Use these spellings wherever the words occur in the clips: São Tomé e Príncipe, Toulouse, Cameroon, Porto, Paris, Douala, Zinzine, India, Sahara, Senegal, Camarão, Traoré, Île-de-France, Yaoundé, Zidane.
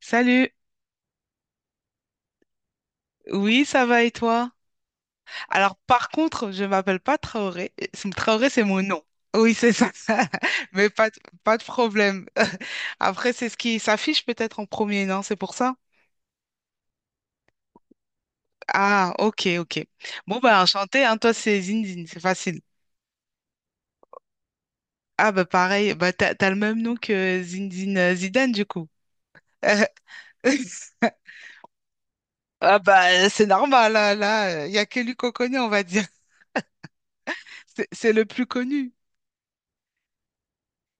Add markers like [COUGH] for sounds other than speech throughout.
Salut. Oui, ça va et toi? Alors, par contre, je m'appelle pas Traoré. Traoré, c'est mon nom. Oui, c'est ça. [LAUGHS] Mais pas de problème. [LAUGHS] Après, c'est ce qui s'affiche peut-être en premier, non? C'est pour ça? Ah, ok, ok. Bon, bah, enchanté, hein. Toi, c'est Zinzine, c'est facile. Ah, bah, pareil. Bah, t'as le même nom que Zinzine Zidane, du coup. [LAUGHS] Ah, bah, c'est normal, hein, là. Il y a que lui qu'on connaît, on va dire. [LAUGHS] C'est le plus connu.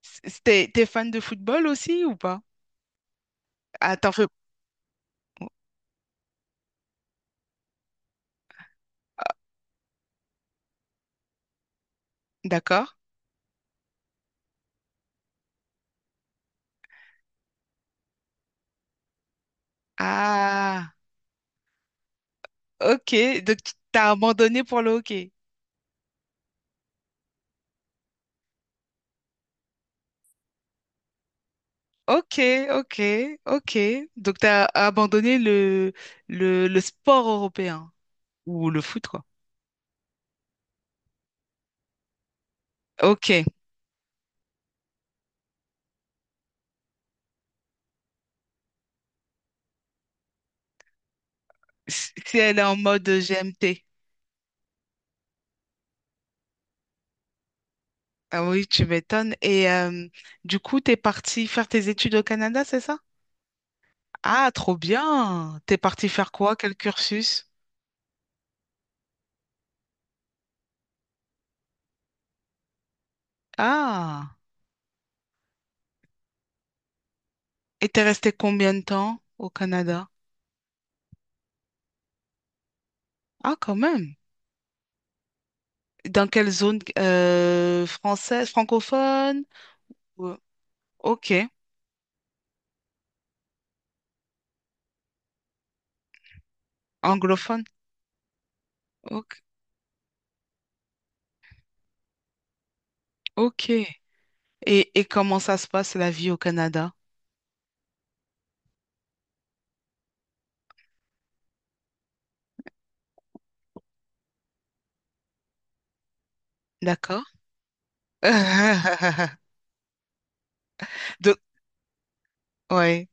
T'es fan de football aussi ou pas? Ah, t'en fais... D'accord. Ah, ok. Donc, tu t'as abandonné pour le hockey. Ok, ok, ok. Donc, t'as abandonné le sport européen ou le foot, quoi. Ok. Si elle est en mode GMT. Ah oui, tu m'étonnes. Et du coup, t'es parti faire tes études au Canada, c'est ça? Ah, trop bien. T'es parti faire quoi? Quel cursus? Ah. Et t'es resté combien de temps au Canada? Ah, quand même. Dans quelle zone française, francophone? ou- Ok, anglophone. Ok. Ok. Et comment ça se passe la vie au Canada? D'accord? [LAUGHS] Donc, ouais.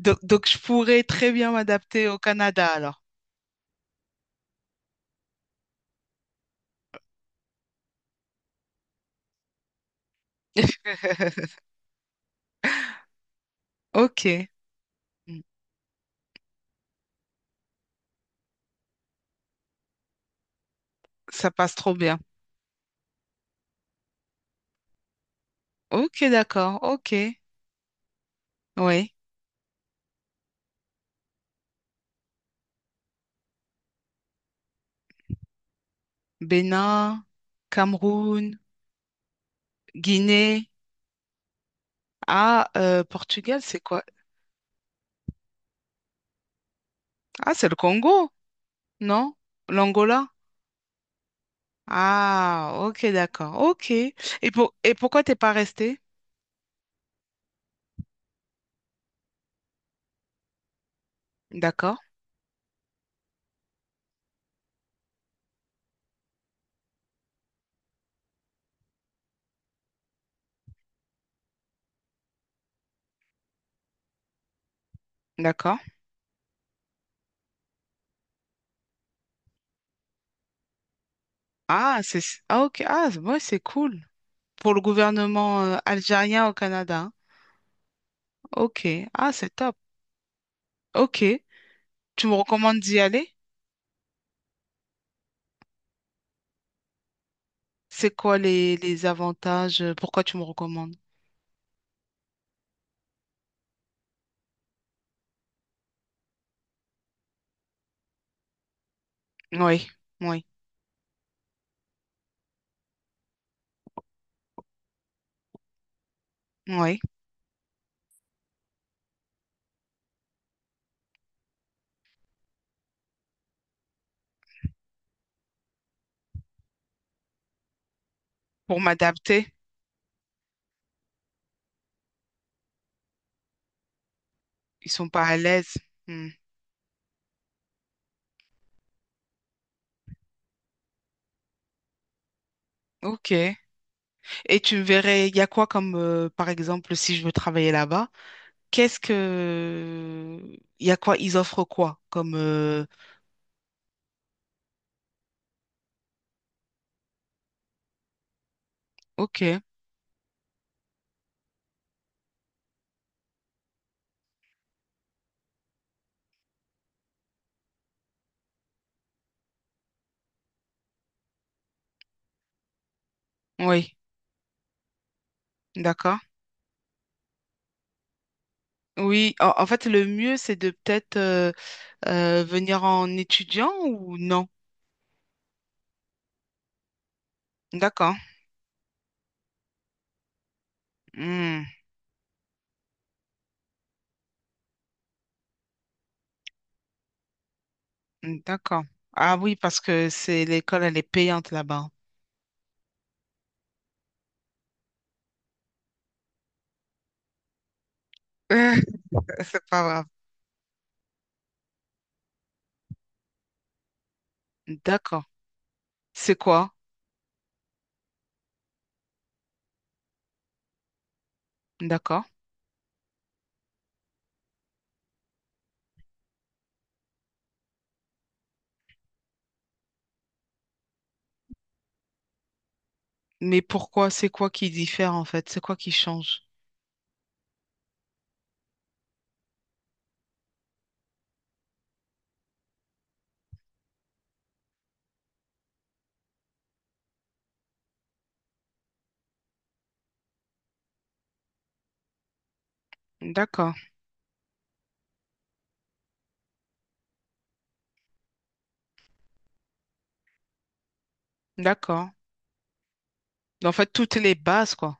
Donc, je pourrais très bien m'adapter au Canada alors. [LAUGHS] Ok. Mm. Ça passe trop bien. Ok, d'accord. Ok. Oui. Bénin, Cameroun, Guinée. Ah, Portugal, c'est quoi? Ah, c'est le Congo, non? L'Angola? Ah, ok, d'accord. Ok. Et pourquoi t'es pas resté? D'accord, d'accord. Ah, c'est ah, ok. Ah, ouais, c'est cool. Pour le gouvernement algérien au Canada, hein. Ok. Ah, c'est top. Ok. Tu me recommandes d'y aller? C'est quoi les avantages? Pourquoi tu me recommandes? Oui, oui, oui. Pour m'adapter, ils sont pas à l'aise. Hmm. Ok. Et tu me verrais, il y a quoi comme, par exemple, si je veux travailler là-bas? Qu'est-ce que... Il y a quoi? Ils offrent quoi? Comme... Ok, oui, d'accord. Oui, en fait, le mieux, c'est de peut-être venir en étudiant ou non? D'accord. Hmm, d'accord. Ah oui, parce que c'est l'école, elle est payante là-bas. [LAUGHS] C'est pas grave. D'accord. C'est quoi? D'accord. Mais pourquoi? C'est quoi qui diffère en fait? C'est quoi qui change? D'accord. D'accord. En fait, toutes les bases, quoi.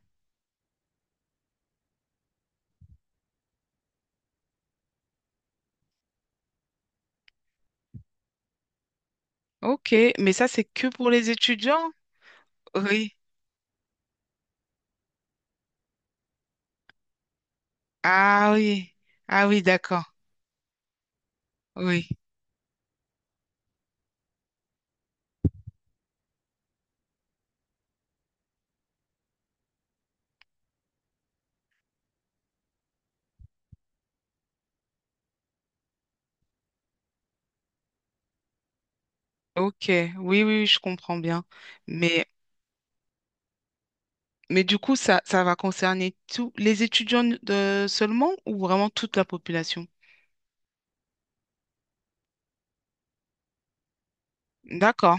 Ok, mais ça, c'est que pour les étudiants. Oui. Ah oui. Ah oui, d'accord. Oui. Ok. Oui, oui, oui, je comprends bien. Mais, mais du coup, ça va concerner tous les étudiants de, seulement ou vraiment toute la population? D'accord.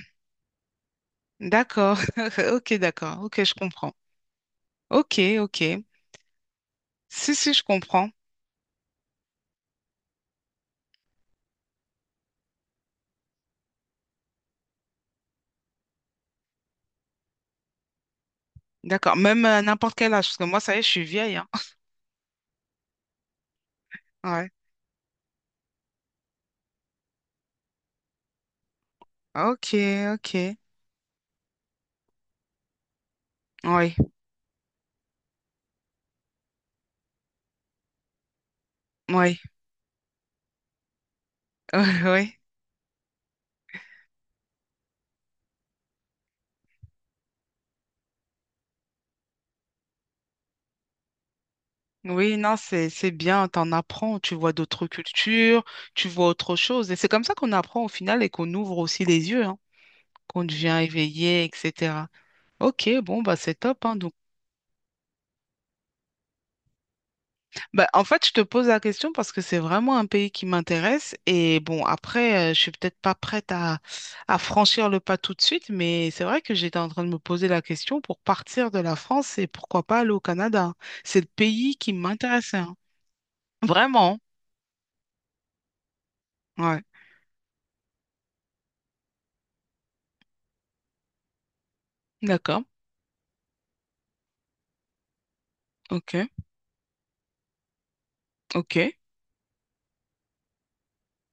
D'accord. [LAUGHS] Ok, d'accord. Ok, je comprends. Ok, ok. Si, si, je comprends. D'accord. Même à n'importe quel âge, parce que moi, ça y est, je suis vieille, hein. [LAUGHS] Ouais. Ok, ok. Oui, oui, [LAUGHS] oui, oui. Oui, non, c'est bien, t'en apprends, tu vois d'autres cultures, tu vois autre chose. Et c'est comme ça qu'on apprend au final et qu'on ouvre aussi les yeux, hein, qu'on devient éveillé, etc. Ok, bon, bah c'est top, hein, donc. Bah, en fait, je te pose la question parce que c'est vraiment un pays qui m'intéresse. Et bon, après, je suis peut-être pas prête à franchir le pas tout de suite, mais c'est vrai que j'étais en train de me poser la question pour partir de la France et pourquoi pas aller au Canada. C'est le pays qui m'intéressait, hein. Vraiment. Ouais. D'accord. Ok. Ok.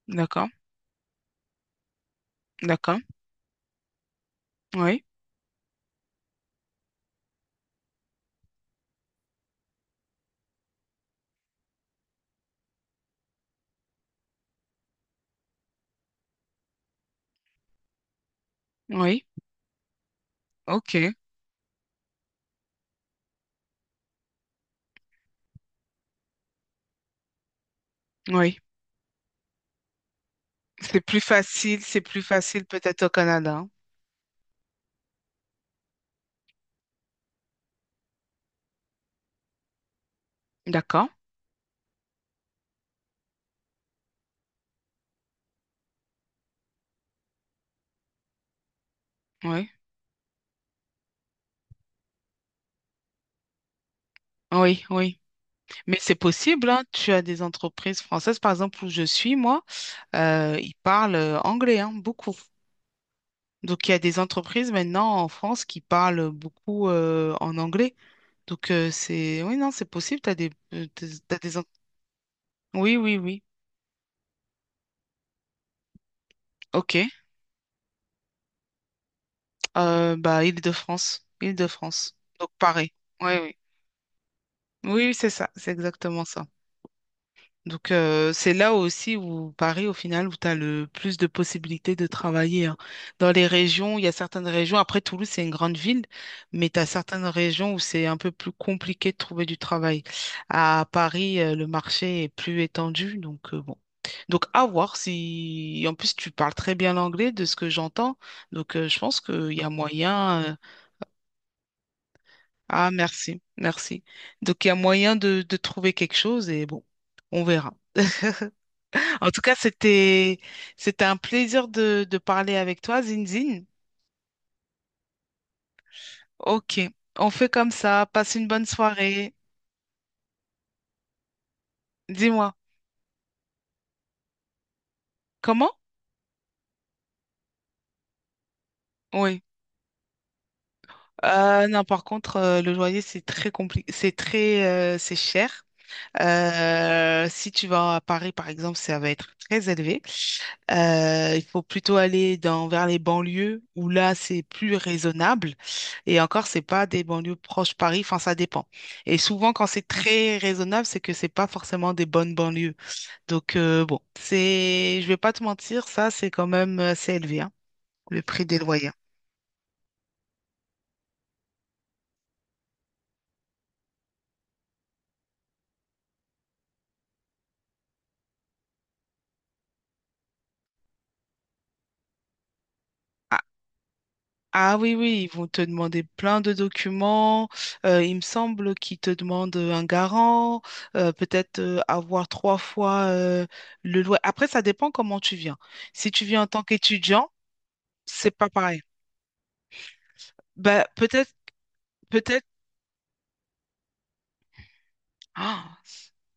D'accord, d'accord. Oui, oui, ok, oui. C'est plus facile peut-être au Canada, hein. D'accord, oui, oui, oui. Mais c'est possible, hein. Tu as des entreprises françaises, par exemple, où je suis, moi, ils parlent anglais, hein, beaucoup. Donc, il y a des entreprises maintenant en France qui parlent beaucoup en anglais. Donc, c'est... Oui, non, c'est possible. T'as des... t'as des... Oui, oui, oui. Ok. Bah, Île-de-France. Île-de-France. Donc, pareil. Oui, oui. Oui, c'est ça, c'est exactement ça. Donc, c'est là aussi où Paris, au final, où tu as le plus de possibilités de travailler, hein. Dans les régions, il y a certaines régions, après Toulouse, c'est une grande ville, mais tu as certaines régions où c'est un peu plus compliqué de trouver du travail. À Paris, le marché est plus étendu, donc bon. Donc, à voir si... En plus, tu parles très bien l'anglais de ce que j'entends, donc je pense qu'il y a moyen, ah, merci, merci. Donc, il y a moyen de trouver quelque chose et bon, on verra. En tout cas, c'était un plaisir de parler avec toi, Zinzine. Ok, on fait comme ça. Passe une bonne soirée. Dis-moi, comment? Oui. Non, par contre, le loyer, c'est très compliqué, c'est cher. Si tu vas à Paris, par exemple, ça va être très élevé. Il faut plutôt aller vers les banlieues où là, c'est plus raisonnable. Et encore, c'est pas des banlieues proches Paris. Enfin, ça dépend. Et souvent, quand c'est très raisonnable, c'est que c'est pas forcément des bonnes banlieues. Donc, bon, je vais pas te mentir, ça, c'est quand même assez élevé, hein, le prix des loyers. Ah oui, oui, ils vont te demander plein de documents. Il me semble qu'ils te demandent un garant, peut-être avoir trois fois le loyer. Après, ça dépend comment tu viens. Si tu viens en tant qu'étudiant, c'est pas pareil. Bah, peut-être, peut-être, [GASPS] ah,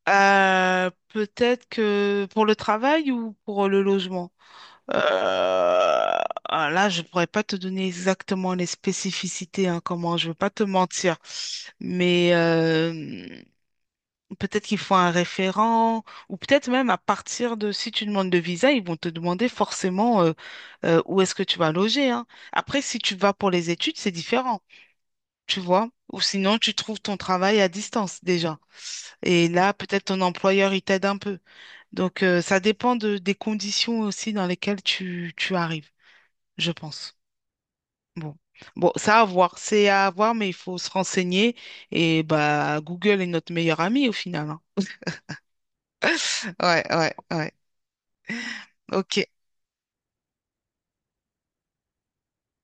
peut-être que pour le travail ou pour le logement. Euh, ah, là, je pourrais pas te donner exactement les spécificités, hein, comment, je veux pas te mentir. Mais peut-être qu'il faut un référent, ou peut-être même à partir de, si tu demandes de visa, ils vont te demander forcément où est-ce que tu vas loger, hein. Après, si tu vas pour les études, c'est différent, tu vois. Ou sinon, tu trouves ton travail à distance déjà. Et là, peut-être ton employeur, il t'aide un peu. Donc, ça dépend des conditions aussi dans lesquelles tu arrives, je pense. Bon. Bon, ça à voir, c'est à voir, mais il faut se renseigner. Et bah, Google est notre meilleur ami au final, hein. Ouais, ouais, ouais. Ok.